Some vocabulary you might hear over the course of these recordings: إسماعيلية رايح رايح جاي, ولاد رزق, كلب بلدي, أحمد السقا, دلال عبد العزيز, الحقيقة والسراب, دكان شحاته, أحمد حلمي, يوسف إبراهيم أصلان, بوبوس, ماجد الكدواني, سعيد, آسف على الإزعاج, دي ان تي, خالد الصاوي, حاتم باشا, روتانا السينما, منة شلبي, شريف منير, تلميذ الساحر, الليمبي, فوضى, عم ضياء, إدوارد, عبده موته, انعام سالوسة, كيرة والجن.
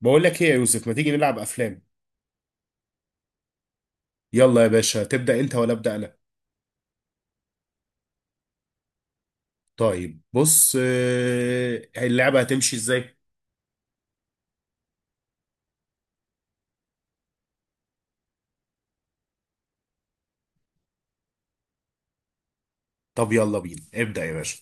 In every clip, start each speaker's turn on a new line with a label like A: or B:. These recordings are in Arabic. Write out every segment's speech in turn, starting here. A: بقول لك ايه يا يوسف، ما تيجي نلعب افلام؟ يلا يا باشا، تبدأ انت ولا أبدأ انا؟ طيب، بص، اللعبة هتمشي ازاي؟ طب يلا بينا، ابدأ يا باشا.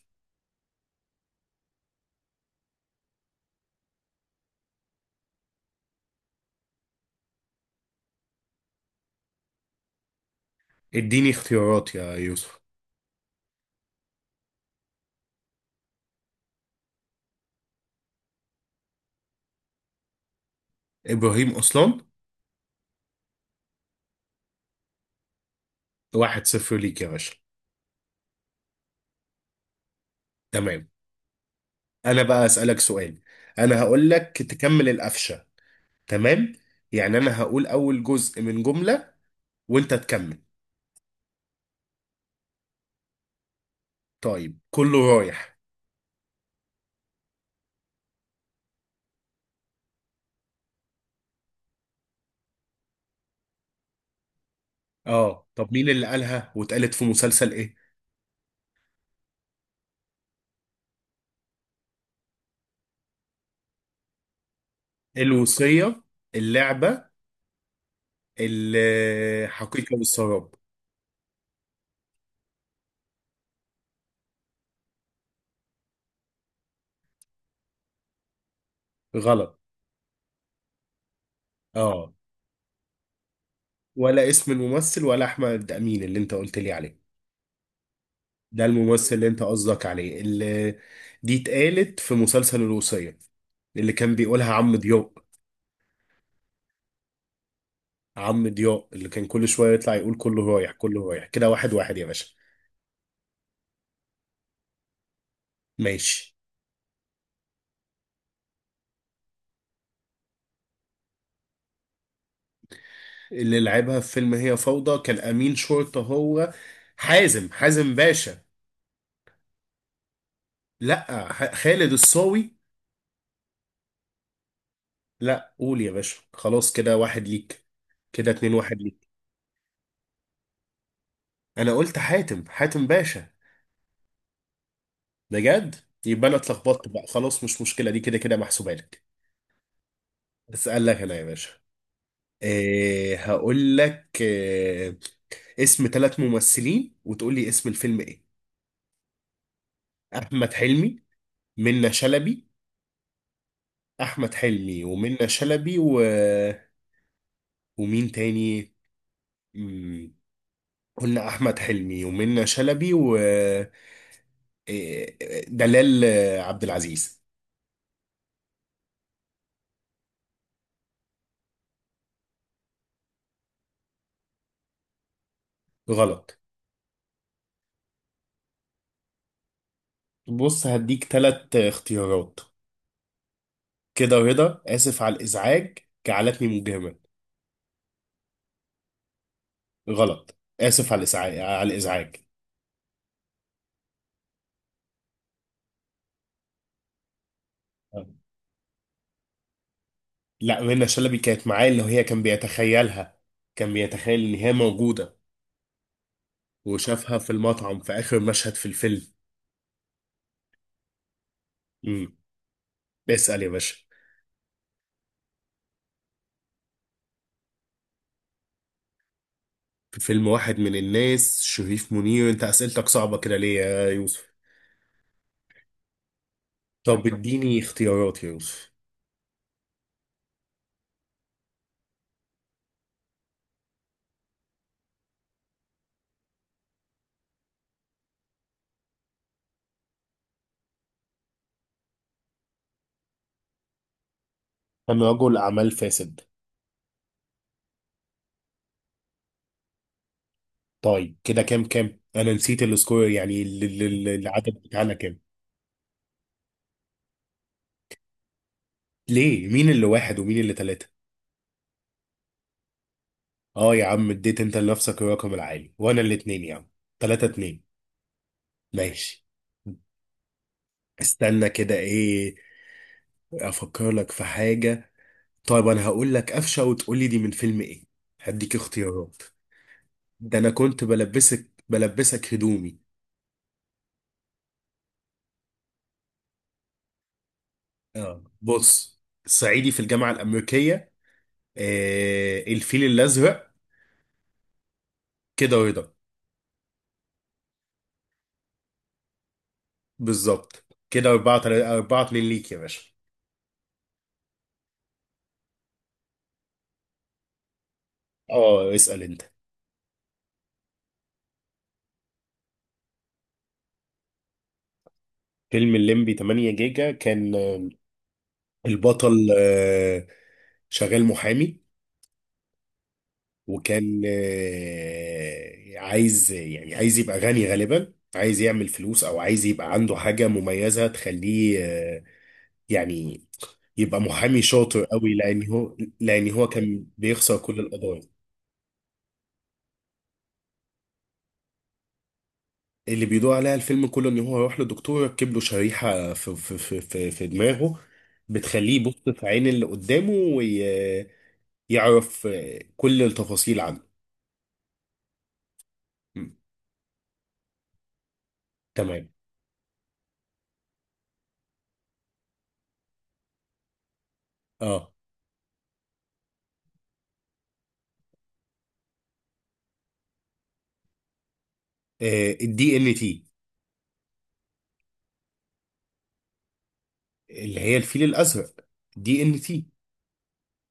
A: اديني اختيارات يا يوسف. ابراهيم اصلان. 1-0 ليك يا باشا. تمام. انا بقى اسألك سؤال. انا هقول لك تكمل القفشة. تمام. يعني انا هقول اول جزء من جملة، وانت تكمل. طيب، كله رايح. اه، طب مين اللي قالها واتقالت في مسلسل ايه؟ الوصية. اللعبة. الحقيقة والسراب. غلط. اه، ولا اسم الممثل ولا احمد امين اللي انت قلت لي عليه. ده الممثل اللي انت قصدك عليه، اللي دي اتقالت في مسلسل الوصية. اللي كان بيقولها عم ضياء. عم ضياء اللي كان كل شوية يطلع يقول كله رايح كله رايح كده، واحد واحد يا باشا. ماشي. اللي لعبها في فيلم هي فوضى كان امين شرطة هو. حازم، حازم باشا. لا، خالد الصاوي. لا، قول يا باشا، خلاص كده واحد ليك. كده 2-1 ليك. انا قلت حاتم، حاتم باشا. بجد. يبقى انا اتلخبطت بقى، خلاص مش مشكله، دي كده كده محسوبه لك. اسال لك انا يا باشا. إيه هقول لك إيه. اسم ثلاث ممثلين وتقول لي اسم الفيلم ايه. احمد حلمي. منة شلبي. احمد حلمي ومنة شلبي و، ومين تاني؟ مم، قلنا احمد حلمي ومنة شلبي و إيه، دلال عبد العزيز. غلط. بص، هديك تلات اختيارات. كده رضا. آسف على الإزعاج. جعلتني مجرما. غلط، آسف على الإزعاج. لا، منى شلبي كانت معاه، اللي هي كان بيتخيلها. كان بيتخيل إن هي موجودة. وشافها في المطعم في آخر مشهد في الفيلم. امم اسأل يا باشا. في فيلم واحد من الناس شريف منير، أنت أسئلتك صعبة كده ليه يا يوسف؟ طب اديني اختيارات يا يوسف. كان رجل أعمال فاسد. طيب كده كام كام، انا نسيت السكور، يعني العدد بتاعنا كام؟ ليه، مين اللي واحد ومين اللي ثلاثة؟ اه يا عم، اديت انت لنفسك الرقم العالي وانا الاتنين يا عم. 3-2. ماشي. استنى كده ايه. افكر لك في حاجة. طيب انا هقول لك قفشة وتقول لي دي من فيلم ايه. هديك اختيارات. ده انا كنت بلبسك هدومي. بص. صعيدي في الجامعة الأمريكية. الفيل الأزرق. كده رضا. بالظبط. كده أربعة 4-2 ليك يا باشا. اه، اسأل انت. فيلم الليمبي 8 جيجا كان البطل شغال محامي، وكان عايز، يعني عايز يبقى غني، غالبا عايز يعمل فلوس، او عايز يبقى عنده حاجة مميزة تخليه، يعني يبقى محامي شاطر قوي، لان هو كان بيخسر كل القضايا. اللي بيدور عليها الفيلم كله ان هو يروح لدكتور يركب له شريحة في دماغه. بتخليه يبص في عين اللي قدامه، ويعرف كل التفاصيل عنه. م. تمام. اه. الدي ان تي. اللي هي الفيل الازرق. دي ان تي.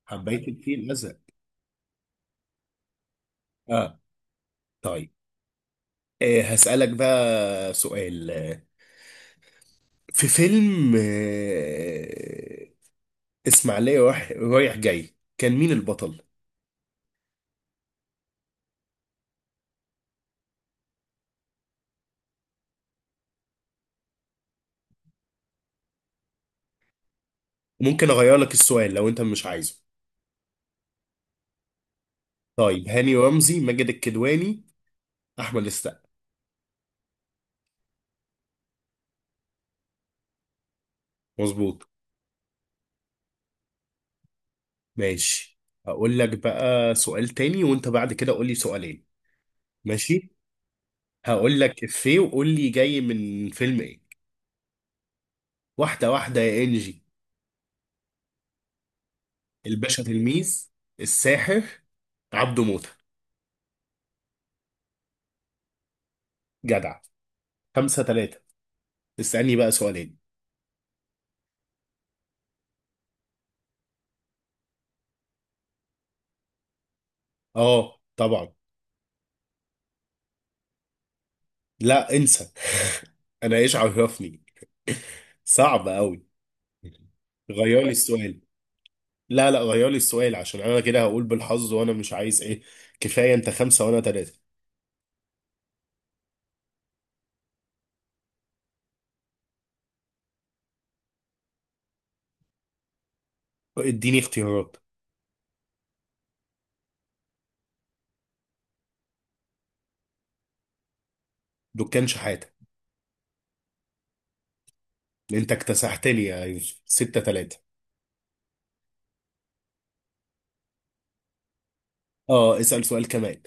A: حبيت الفيل الازرق. اه. طيب. هسألك بقى سؤال في فيلم اسماعيلية رايح جاي، كان مين البطل؟ ممكن اغير لك السؤال لو انت مش عايزه. طيب، هاني رمزي، ماجد الكدواني، احمد السقا. مظبوط. ماشي. هقول لك بقى سؤال تاني، وانت بعد كده قول لي سؤالين. ماشي. هقول لك افيه وقول لي جاي من فيلم ايه. واحده واحده يا انجي. الباشا تلميذ. الساحر. عبده موته. جدع. 5-3. اسألني بقى سؤالين. اه، طبعا. لا انسى. انا ايش عرفني. صعب قوي. غير لي السؤال. لا، لا غير لي السؤال عشان انا كده هقول بالحظ، وانا مش عايز ايه. كفايه، انت 5 وانا 3. اديني اختيارات. دكان شحاته. انت اكتسحتني يا يوسف، 6-3. اه، اسال سؤال كمان.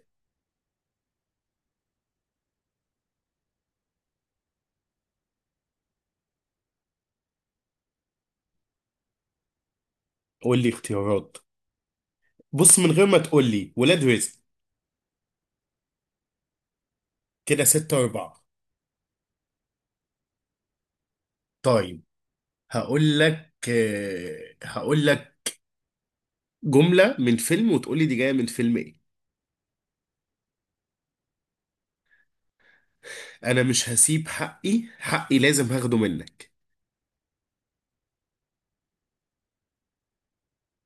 A: قول لي اختيارات. بص، من غير ما تقول لي ولاد رزق. كده 6-4. طيب، هقول لك جمله من فيلم وتقول لي دي جايه من فيلم ايه. انا مش هسيب حقي، حقي لازم هاخده منك.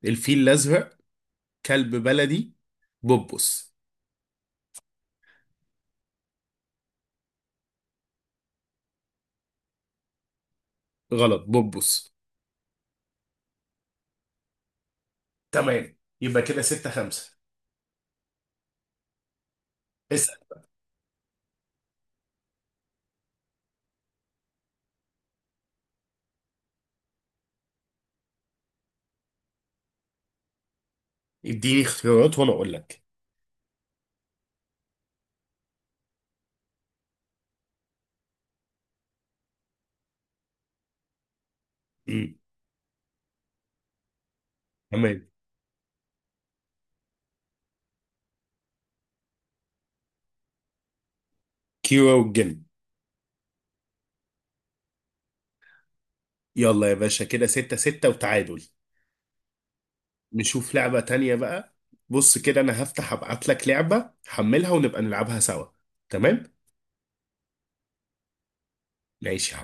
A: الفيل الازرق. كلب بلدي. بوبوس. غلط، بوبوس. تمام، يبقى كده 6-5. اسأل. اديني اختيارات وانا اقول لك. امم تمام. كيرة والجن. يلا يا باشا، كده 6-6 وتعادل. نشوف لعبة تانية بقى. بص كده، انا هفتح ابعت لك لعبة حملها ونبقى نلعبها سوا. تمام. ماشي.